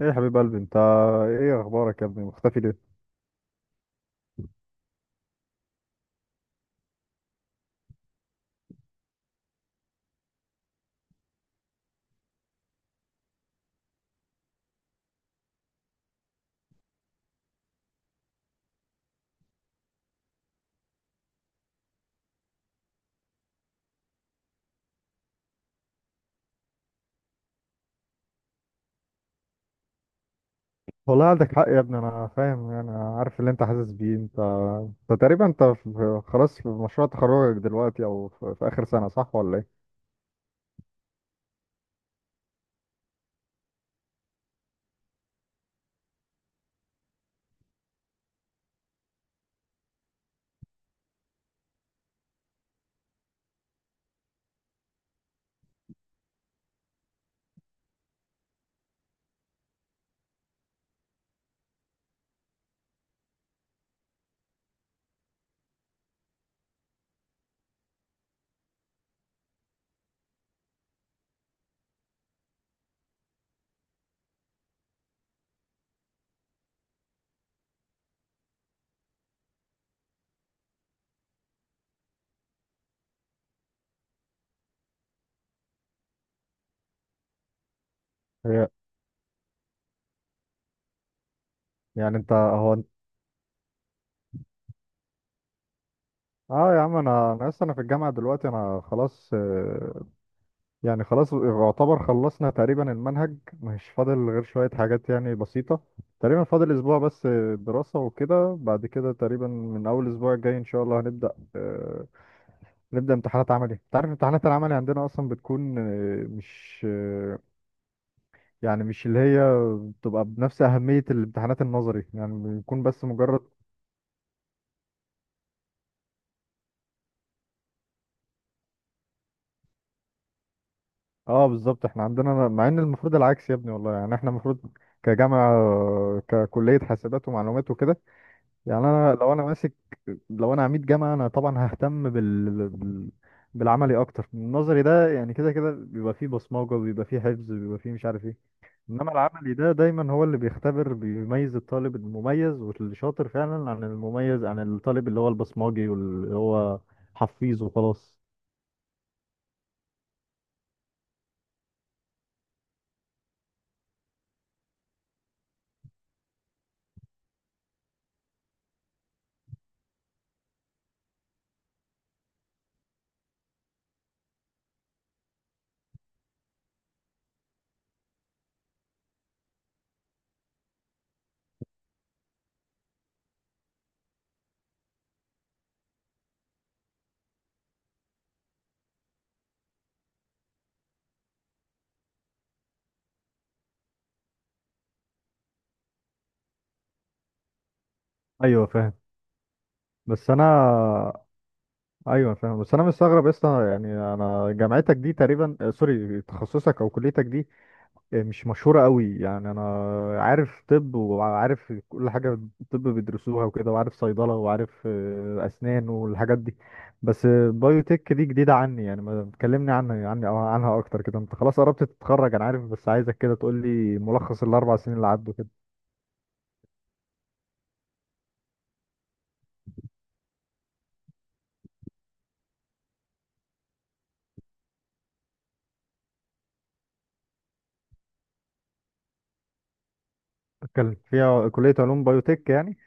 ايه يا حبيب قلبي انت، ايه اخبارك يا ابني، مختفي ليه؟ والله عندك حق يا ابني، انا فاهم، انا عارف اللي انت حاسس بيه. انت انت تقريبا انت خلاص في مشروع تخرجك دلوقتي، او في اخر سنة، صح ولا ايه؟ هي يعني انت هو انت- اه يا عم، انا لسه انا في الجامعة دلوقتي، انا خلاص، يعني خلاص يعتبر خلصنا تقريبا المنهج، مش فاضل غير شوية حاجات يعني بسيطة، تقريبا فاضل اسبوع بس دراسة وكده، بعد كده تقريبا من اول اسبوع الجاي ان شاء الله هنبدأ، نبدأ امتحانات عملي. انت عارف امتحانات العملي عندنا اصلا بتكون مش يعني مش اللي هي بتبقى بنفس أهمية الامتحانات النظري، يعني بيكون بس مجرد. اه بالظبط، احنا عندنا مع ان المفروض العكس يا ابني والله. يعني احنا المفروض كجامعة، ككلية حاسبات ومعلومات وكده، يعني انا لو انا ماسك، لو انا عميد جامعة انا طبعا ههتم بال بالعملي اكتر. النظري ده يعني كده كده بيبقى فيه بصمجة، بيبقى فيه حفظ، بيبقى فيه مش عارف ايه. انما العملي ده دايما هو اللي بيختبر، بيميز الطالب المميز واللي شاطر فعلا، عن المميز عن الطالب اللي هو البصماجي واللي هو حفيظ وخلاص. ايوه فاهم بس انا ايوه فاهم بس انا مستغرب يا اسطى، يعني انا جامعتك دي تقريبا سوري، تخصصك او كليتك دي مش مشهورة قوي. يعني أنا عارف طب، وعارف كل حاجة الطب بيدرسوها وكده، وعارف صيدلة، وعارف أسنان والحاجات دي، بس بايوتك دي جديدة عني، يعني ما تكلمني عنها عني أو عنها أكتر كده. أنت خلاص قربت تتخرج أنا عارف، بس عايزك كده تقول لي ملخص الـ4 سنين اللي عدوا كده. اتكلم فيها، كلية علوم بايوتك يعني.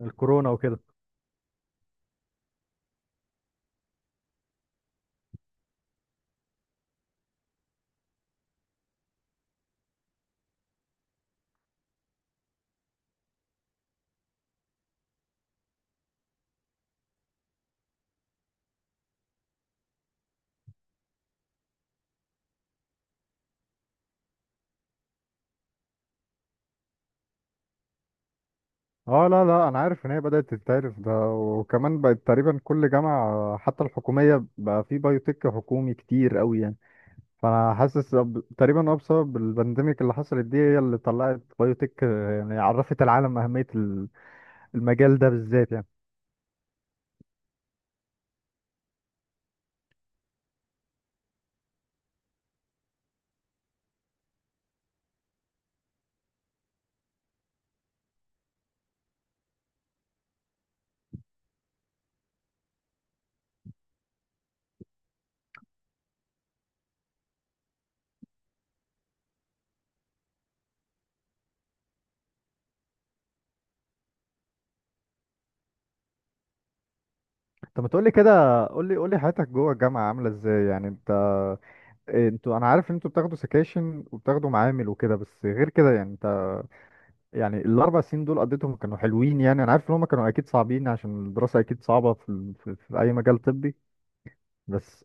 الكورونا وكده. اه لا لا، انا عارف ان هي بدأت تتعرف ده، وكمان بقت تقريبا كل جامعة حتى الحكومية بقى في بايوتك حكومي كتير قوي يعني. فانا حاسس، تقريبا هو بسبب البانديميك اللي حصلت دي هي اللي طلعت بايوتك، يعني عرفت العالم اهميه المجال ده بالذات يعني. طب ما تقولي كده، قولي قولي حياتك جوه الجامعه عامله ازاي؟ يعني انت، إيه، انتوا، انا عارف ان انتوا بتاخدوا سكاشن وبتاخدوا معامل وكده، بس غير كده يعني انت يعني الـ4 سنين دول قضيتهم كانوا حلوين؟ يعني انا عارف ان هم كانوا اكيد صعبين عشان الدراسه اكيد صعبه في اي مجال طبي، بس.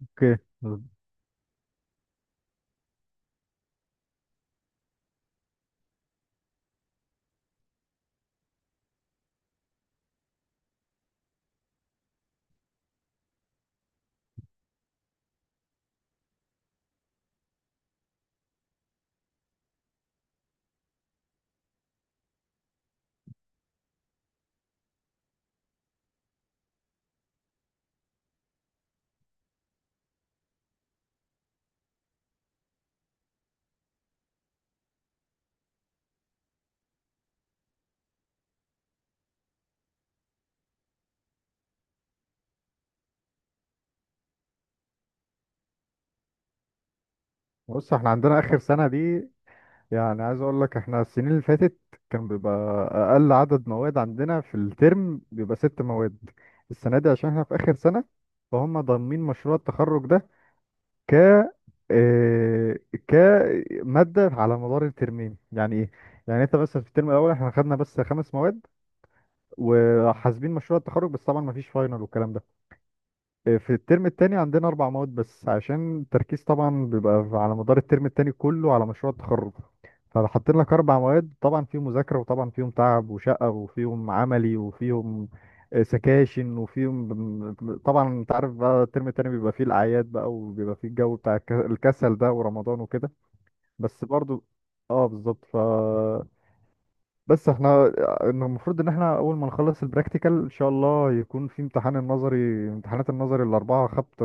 اوكي. بص، احنا عندنا اخر سنه دي، يعني عايز اقول لك احنا السنين اللي فاتت كان بيبقى اقل عدد مواد عندنا في الترم بيبقى ست مواد. السنه دي عشان احنا في اخر سنه فهم ضامنين مشروع التخرج ده ك آه، كماده على مدار الترمين، يعني ايه؟ يعني انت بس في الترم الاول احنا خدنا بس خمس مواد وحاسبين مشروع التخرج، بس طبعا مفيش فاينل والكلام ده. في الترم التاني عندنا أربع مواد بس، عشان التركيز طبعا بيبقى على مدار الترم التاني كله على مشروع التخرج، فحاطين لك أربع مواد طبعا فيهم مذاكرة، وطبعا فيهم تعب وشقة، وفيهم عملي، وفيهم سكاشن، وفيهم طبعا أنت عارف بقى الترم التاني بيبقى فيه الأعياد بقى، وبيبقى فيه الجو بتاع الكسل ده ورمضان وكده. بس برضو، اه بالظبط، بس احنا، إن المفروض ان احنا اول ما نخلص البراكتيكال ان شاء الله يكون في امتحان النظري، امتحانات النظري الاربعه خبط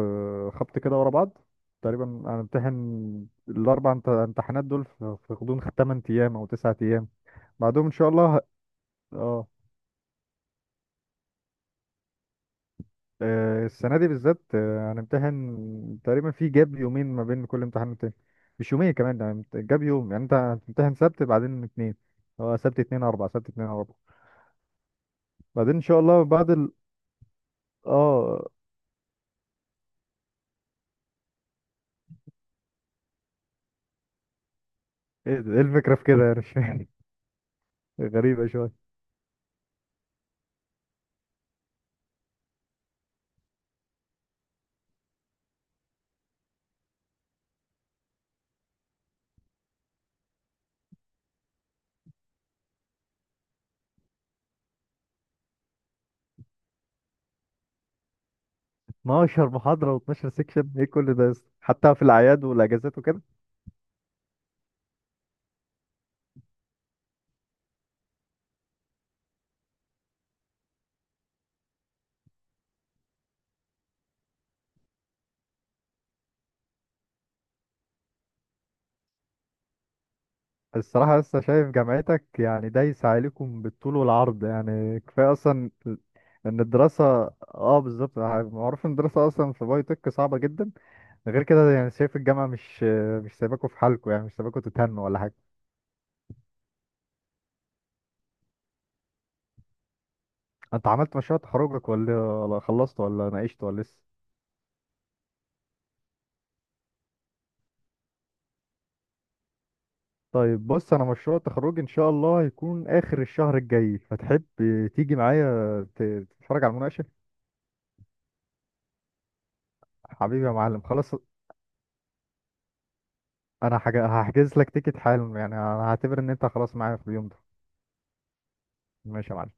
خبط كده ورا بعض، تقريبا هنمتحن الاربع امتحانات دول في غضون 8 ايام او 9 ايام، بعدهم ان شاء الله اه. السنه دي بالذات، هنمتحن تقريبا في جاب يومين ما بين كل امتحان والتاني، مش يومين كمان يعني جاب يوم، يعني انت هتمتحن سبت بعدين اتنين، هو سبت اتنين اربع، سبت اتنين اربع، بعدين ان شاء الله بعد اه. ايه ده؟ إيه الفكرة في كده؟ يعني مش فاهم، غريبة شوية. 12 محاضرة و12 سيكشن، ايه كل ده يا اسطى؟ حتى في الأعياد والأجازات وكده. الصراحة لسه شايف جامعتك يعني دايسة عليكم بالطول والعرض، يعني كفاية أصلا ان الدراسة، اه بالظبط، معروف ان الدراسة اصلا في باي تك صعبة جدا. غير كده يعني شايف الجامعة مش، مش سايباكوا في حالكوا يعني، مش سايباكوا تتهنوا ولا حاجة. انت عملت مشروع تخرجك، ولا خلصت، ولا ناقشت، ولا لسه؟ طيب بص، انا مشروع التخرج ان شاء الله هيكون اخر الشهر الجاي، فتحب تيجي معايا ت- تتفرج على المناقشه؟ حبيبي يا معلم، خلاص. انا حاجة هحجز لك تيكت حالا، يعني انا هعتبر ان انت خلاص معايا في اليوم ده. ماشي يا معلم.